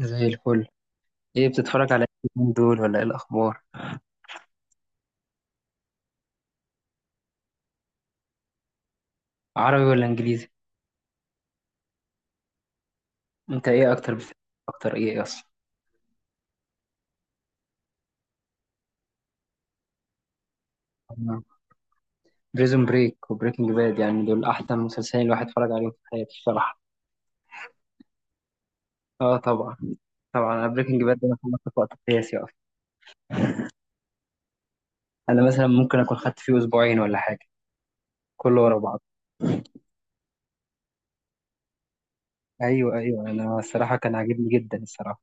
زي الفل. ايه بتتفرج على ايه اليومين دول، ولا ايه الاخبار؟ عربي ولا انجليزي؟ انت ايه اكتر بتحب؟ اكتر ايه اصلا؟ بريزون بريك وبريكنج باد، يعني دول احسن مسلسلين الواحد اتفرج عليهم في حياته الصراحه. اه طبعا. طبعا انا بريكنج باد ده انا خلصته في وقت قياسي اصلا. انا مثلا ممكن اكون خدت فيه اسبوعين ولا حاجه، كله ورا بعض. ايوه ايوه، انا الصراحه كان عاجبني جدا الصراحه.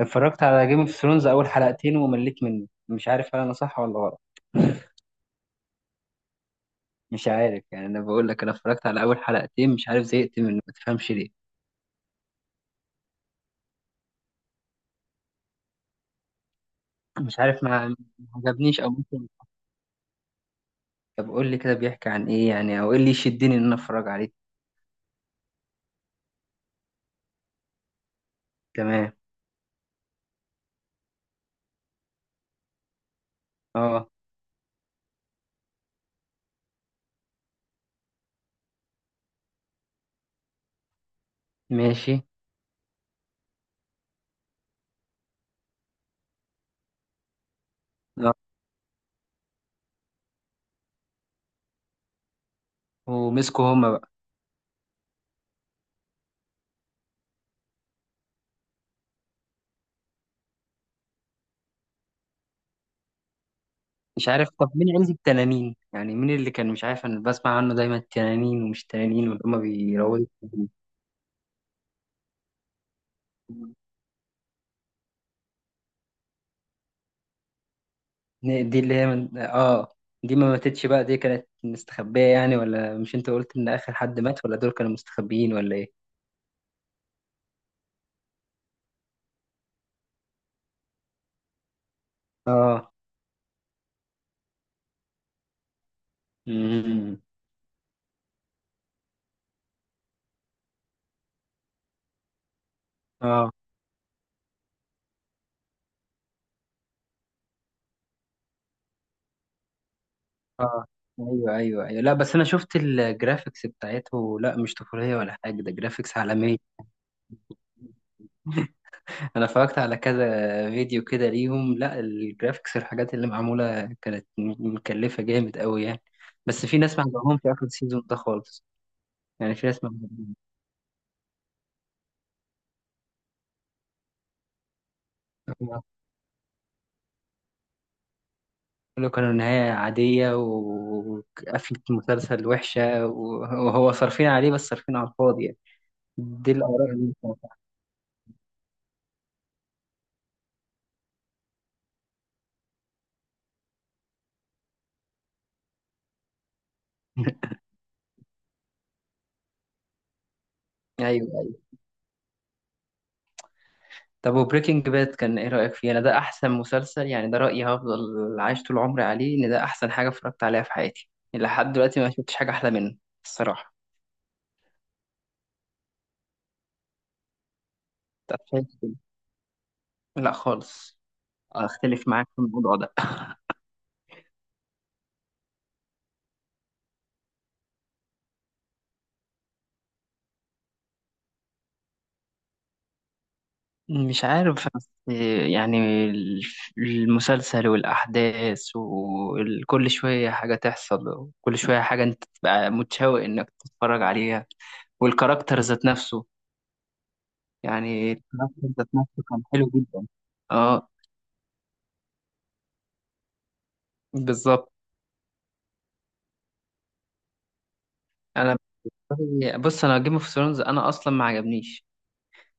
اتفرجت على جيم اوف ثرونز اول حلقتين ومليت منه، مش عارف هل انا صح ولا غلط. مش عارف يعني، انا بقول لك انا اتفرجت على اول حلقتين، مش عارف زهقت منه، ما تفهمش ليه. مش عارف، ما عجبنيش او ممكن. طب قول لي كده بيحكي عن ايه يعني، او ايه اللي يشدني ان انا اتفرج عليه. تمام. اه. ماشي. اه. ومسكوا هما بقى. مش عارف، طب مين عيلة التنانين يعني؟ مين اللي كان مش عارف انا بسمع عنه دايما التنانين ومش تنانين واللي هما بيروضوا التنانين؟ دي اللي هي اه، دي ما ماتتش بقى؟ دي كانت مستخبية يعني، ولا مش انت قلت ان اخر حد مات؟ ولا دول كانوا مستخبيين ولا ايه؟ اه. امم. اه. اه. ايوه ايوه ايوه، لا بس انا شفت الجرافيكس بتاعته، لا مش طفوليه ولا حاجه، ده جرافيكس عالميه. انا اتفرجت على كذا فيديو كده ليهم، لا الجرافيكس الحاجات اللي معموله كانت مكلفه جامد قوي يعني. بس في ناس ما عجبهمش اخر السيزون ده خالص. يعني في ناس ما عجبهمش كله، كانوا نهايه عاديه وقفله مسلسل وحشه، وهو صارفين عليه بس صارفين على الفاضي يعني. دي الاراء اللي أنا سمعتها. ايوه. طب وبريكنج باد كان ايه رأيك فيه؟ انا ده احسن مسلسل، يعني ده رأيي هفضل عايش طول عمري عليه، ان ده احسن حاجة اتفرجت عليها في حياتي يعني، لحد دلوقتي ما شفتش حاجة احلى منه الصراحة. طب شايف كده؟ لا خالص، اختلف معاك في الموضوع ده. مش عارف بس يعني ال- المسلسل والأحداث، وكل شوية حاجة تحصل، وكل شوية حاجة أنت تبقى متشوق إنك تتفرج عليها، والكاركتر ذات نفسه. يعني الكاركتر ذات نفسه كان حلو جدا. اه. بالظبط. انا، بص انا جيم اوف ثرونز انا اصلا ما عجبنيش.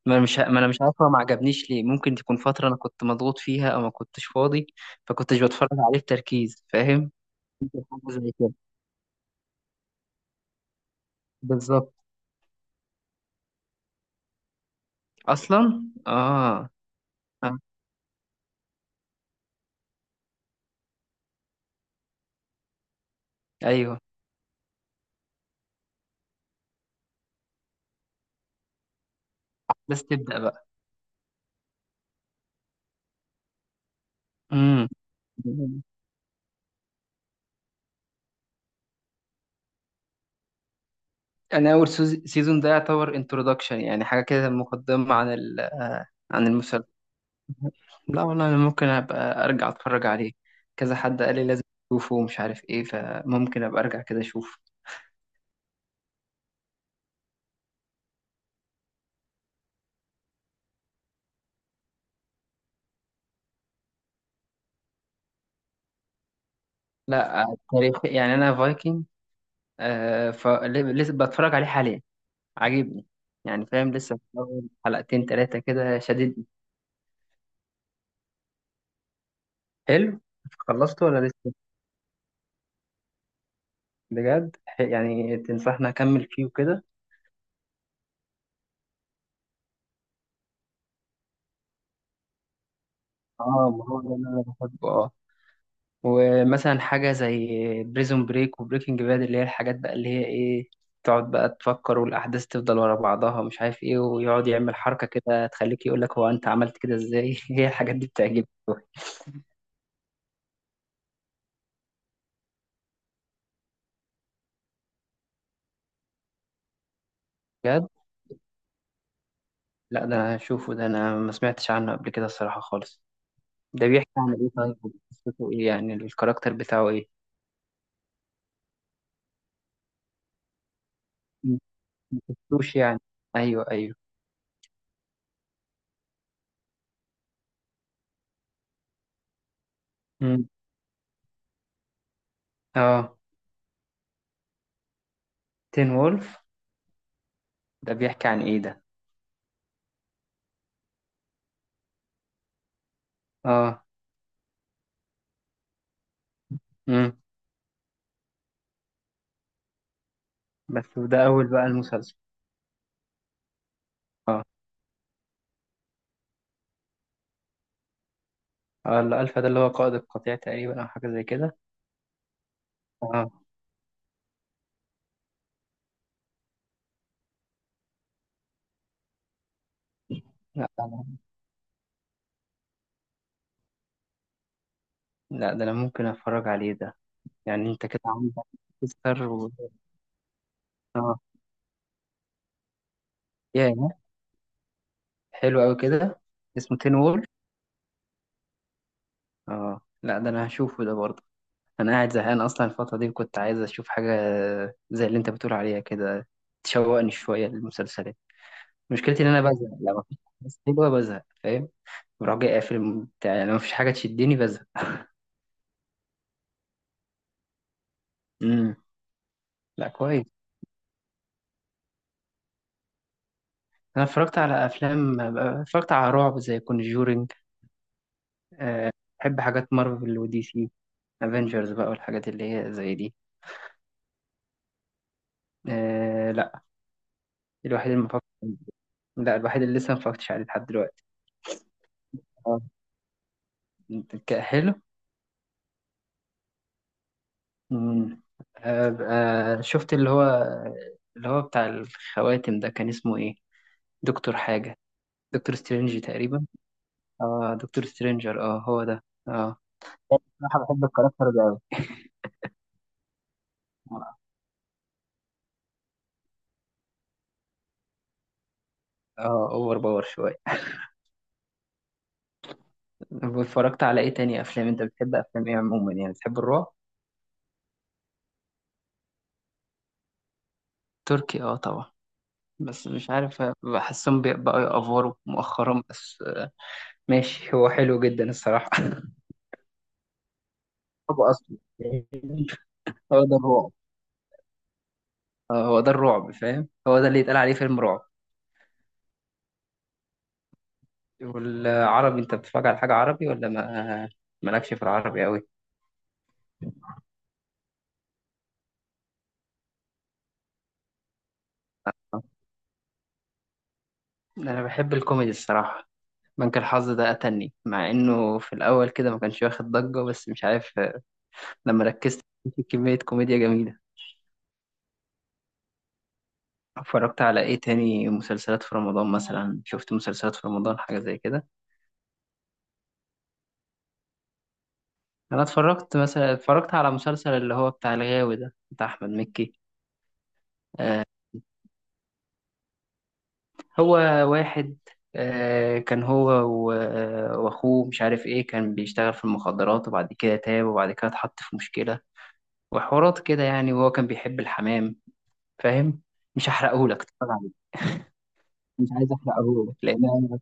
ما انا مش عارف هو ما عجبنيش ليه، ممكن تكون فتره انا كنت مضغوط فيها او ما كنتش فاضي، فكنتش بتفرج عليه بتركيز، فاهم. حاجه زي كده. بالظبط. اصلا اه. آه. ايوه. بس تبدا بقى. امم. انا اول سيزون ده يعتبر انترودكشن، يعني حاجه كده مقدمه عن عن المسلسل. لا والله انا ممكن ابقى ارجع اتفرج عليه، كذا حد قال لي لازم اشوفه ومش عارف ايه، فممكن ابقى ارجع كده اشوف. لا، تاريخ يعني، انا فايكنج فلسه بتفرج عليه حاليا، عاجبني يعني، فاهم، لسه في أول حلقتين ثلاثة كده شددني. حلو. خلصته ولا لسه؟ بجد، يعني تنصحني اكمل فيه وكده؟ اه. ما هو ده اللي انا بحبه. اه. ومثلا حاجة زي بريزون بريك وبريكنج باد، اللي هي الحاجات بقى اللي هي ايه، تقعد بقى تفكر، والأحداث تفضل ورا بعضها مش عارف ايه، ويقعد يعمل حركة كده تخليك يقولك هو أنت عملت كده ازاي. هي الحاجات دي بتعجبني أوي. بجد؟ لا ده أنا هشوفه، ده أنا ما سمعتش عنه قبل كده الصراحة خالص. ده بيحكي عن ايه طيب؟ قصته ايه يعني، الكاركتر بتاعه ايه؟ م- ما شفتوش يعني. أيوه أيوه. م. اه. تين وولف. ده بيحكي عن ايه ده؟ اه. م. بس ده أول بقى المسلسل. اه. آه، الألفا ده اللي هو قائد القطيع تقريبا أو حاجة زي كده. آه لا أنا- لا ده أنا ممكن أتفرج عليه ده. يعني أنت كده عندك. تذكر آه. ياه، حلو أوي كده. اسمه تين وول. آه لا ده أنا هشوفه ده برضه. أنا قاعد زهقان أصلا الفترة دي، وكنت عايز أشوف حاجة زي اللي أنت بتقول عليها كده، تشوقني شوية للمسلسلات. مشكلتي إن أنا بزهق، لما مفيش حاجة حلوة بزهق، فاهم، بروح جاي قافل بتاع، يعني لو مفيش حاجة تشدني بزهق. امم. لا كويس، انا اتفرجت على افلام، اتفرجت على رعب زي كونجورينج. أه. بحب حاجات مارفل ودي سي، افنجرز بقى والحاجات اللي هي زي دي. أه لا، الوحيد اللي ما فكرت، لا الوحيد اللي لسه ما اتفرجتش عليه لحد دلوقتي. اه. حلو. مم. أه. آه، شفت اللي هو، اللي هو بتاع الخواتم ده كان اسمه ايه؟ دكتور حاجة، دكتور سترينج تقريبا. اه دكتور سترينجر، اه هو ده، اه. بصراحة بحب الكاركتر ده أوي. اه اوفر باور شوية. واتفرجت على ايه تاني افلام؟ انت بتحب افلام ايه عموما يعني؟ بتحب الرعب؟ تركي اه طبعا، بس مش عارف بحسهم بقوا يأفوروا مؤخرا بس، ماشي هو حلو جدا الصراحة. هو اصلا هو ده الرعب، آه، هو ده الرعب فاهم، هو ده اللي يتقال عليه فيلم رعب. والعربي انت بتتفرج على حاجة عربي ولا ما مالكش في العربي قوي؟ انا بحب الكوميدي الصراحه. بنك الحظ ده قتلني، مع انه في الاول كده ما كانش واخد ضجه، بس مش عارف، لما ركزت، في كميه كوميديا جميله. اتفرجت على ايه تاني مسلسلات في رمضان؟ مثلا شفت مسلسلات في رمضان حاجة زي كده؟ انا اتفرجت مثلا، اتفرجت على مسلسل اللي هو بتاع الغاوي ده بتاع احمد مكي. آه، هو واحد، آه كان هو واخوه مش عارف ايه، كان بيشتغل في المخدرات وبعد كده تاب، وبعد كده اتحط في مشكلة وحوارات كده يعني، وهو كان بيحب الحمام، فاهم، مش هحرقهولك، اتفرج عليه. مش عايز احرقهولك لان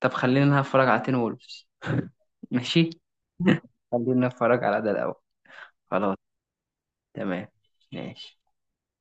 طب خلينا نتفرج على تين وولفز. ماشي. خلينا نتفرج على ده الاول. خلاص. تمام. ماشي.